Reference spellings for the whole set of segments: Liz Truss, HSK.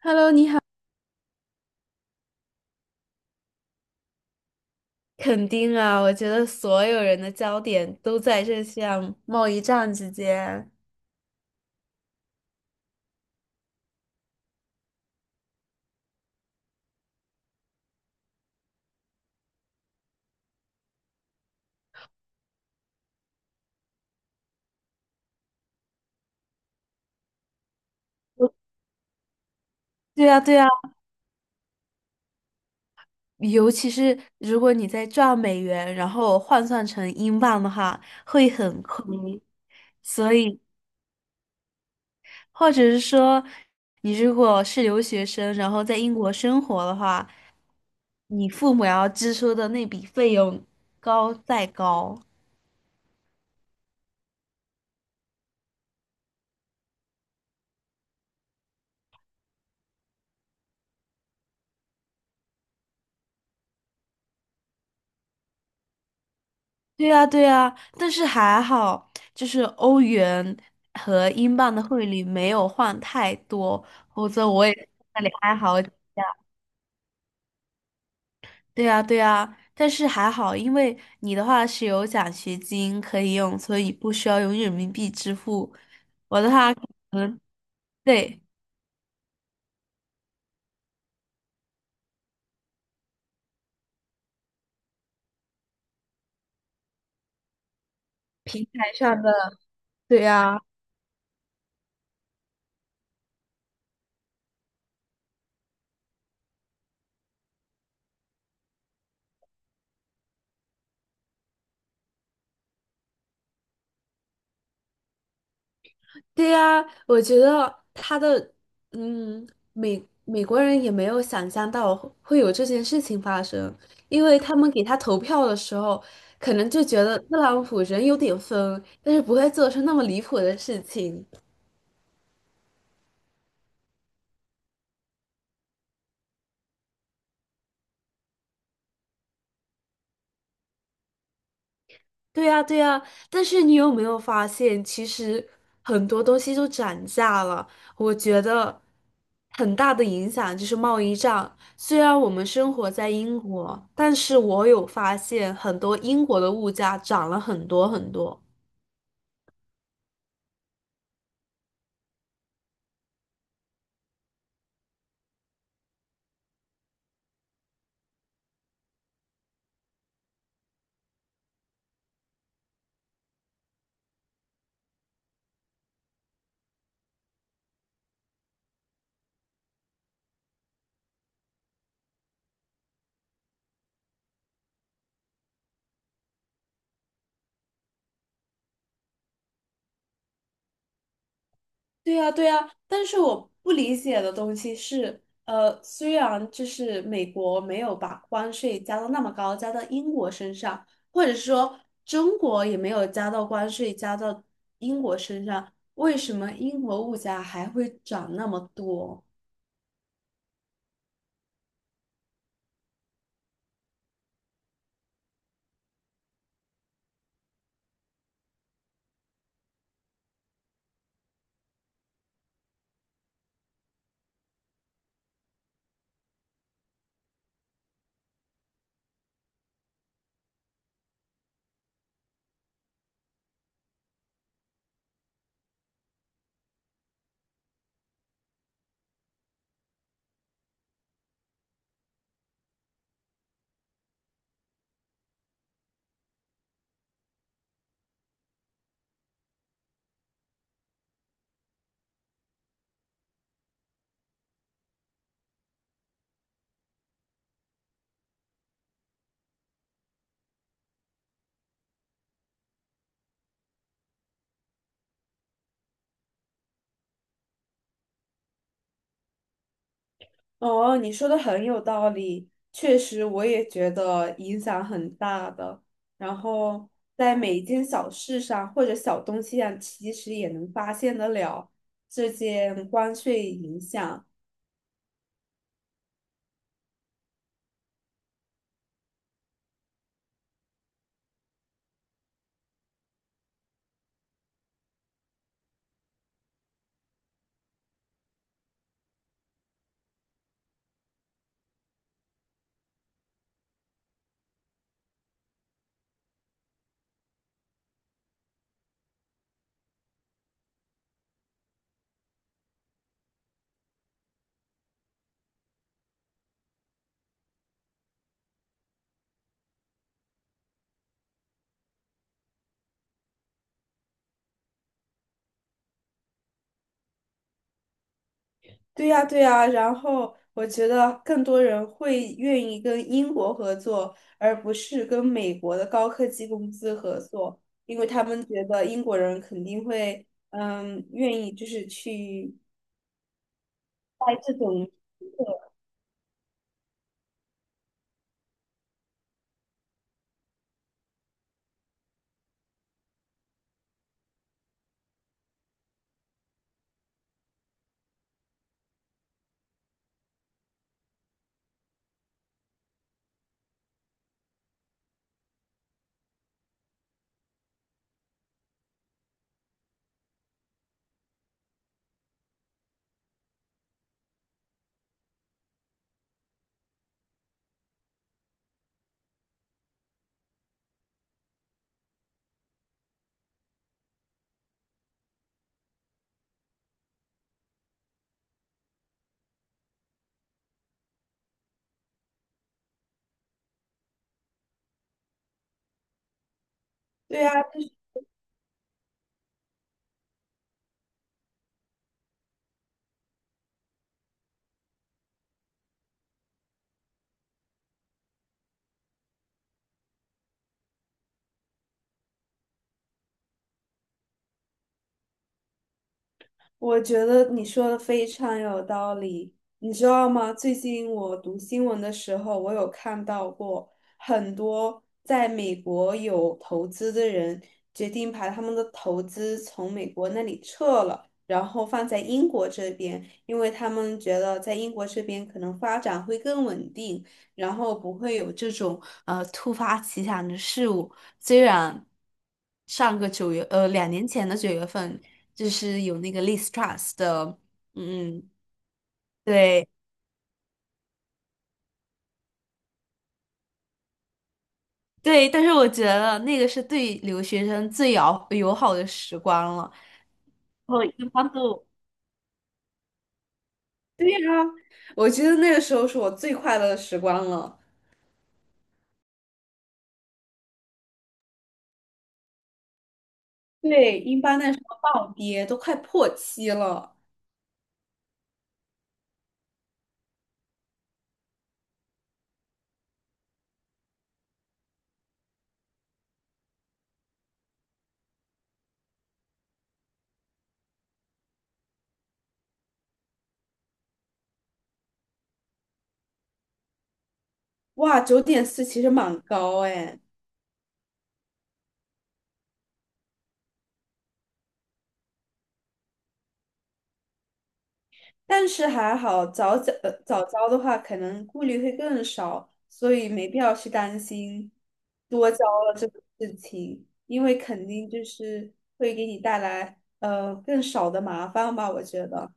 Hello，你好，肯定啊，我觉得所有人的焦点都在这项贸易战之间。对啊，对啊，尤其是如果你在赚美元，然后换算成英镑的话，会很亏。所以，或者是说，你如果是留学生，然后在英国生活的话，你父母要支出的那笔费用高再高。对呀，对呀，但是还好，就是欧元和英镑的汇率没有换太多，否则我也在那里哀嚎。对呀，对呀，但是还好，因为你的话是有奖学金可以用，所以不需要用人民币支付。嗯，对，平台上的，对呀。对呀，我觉得他的嗯，美国人也没有想象到会有这件事情发生，因为他们给他投票的时候，可能就觉得特朗普人有点疯，但是不会做出那么离谱的事情。对呀，对呀，但是你有没有发现，其实很多东西都涨价了？我觉得很大的影响就是贸易战。虽然我们生活在英国，但是我有发现很多英国的物价涨了很多很多。对呀，对呀，但是我不理解的东西是，虽然就是美国没有把关税加到那么高，加到英国身上，或者说中国也没有加到关税加到英国身上，为什么英国物价还会涨那么多？哦，你说的很有道理，确实我也觉得影响很大的。然后在每一件小事上或者小东西上，其实也能发现得了这件关税影响。对呀，对呀。然后我觉得更多人会愿意跟英国合作，而不是跟美国的高科技公司合作，因为他们觉得英国人肯定会，嗯，愿意就是去。对呀，我觉得你说的非常有道理，你知道吗？最近我读新闻的时候，我有看到过很多在美国有投资的人决定把他们的投资从美国那里撤了，然后放在英国这边，因为他们觉得在英国这边可能发展会更稳定，然后不会有这种突发奇想的事物。虽然上个九月，两年前的九月份，就是有那个 Liz Truss 的，嗯，对对，但是我觉得那个是对留学生最友好的时光了。然后一般都，对呀，我觉得那个时候是我最快乐的时光了。对，一般那时候暴跌都快破七了，哇，9.4其实蛮高哎。但是还好，早交的话，可能顾虑会更少，所以没必要去担心多交了这个事情，因为肯定就是会给你带来更少的麻烦吧，我觉得。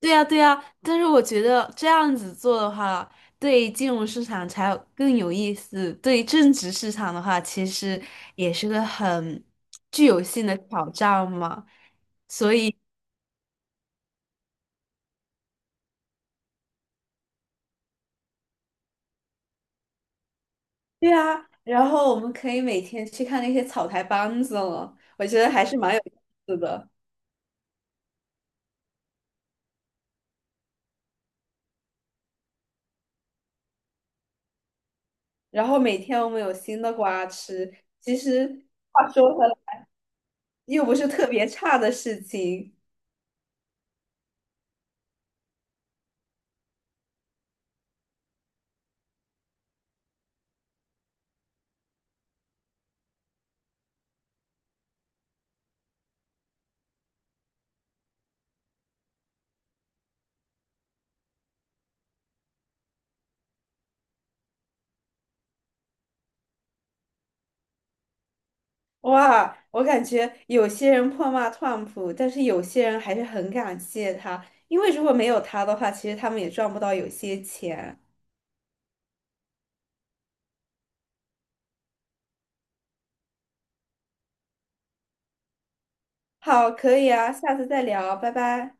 对呀，对呀，但是我觉得这样子做的话，对金融市场才有更有意思。对正职市场的话，其实也是个很具有性的挑战嘛。所以对啊，然后我们可以每天去看那些草台班子了，我觉得还是蛮有意思的。然后每天我们有新的瓜吃，其实话说回来，又不是特别差的事情。哇，我感觉有些人破骂川普，但是有些人还是很感谢他，因为如果没有他的话，其实他们也赚不到有些钱。好，可以啊，下次再聊，拜拜。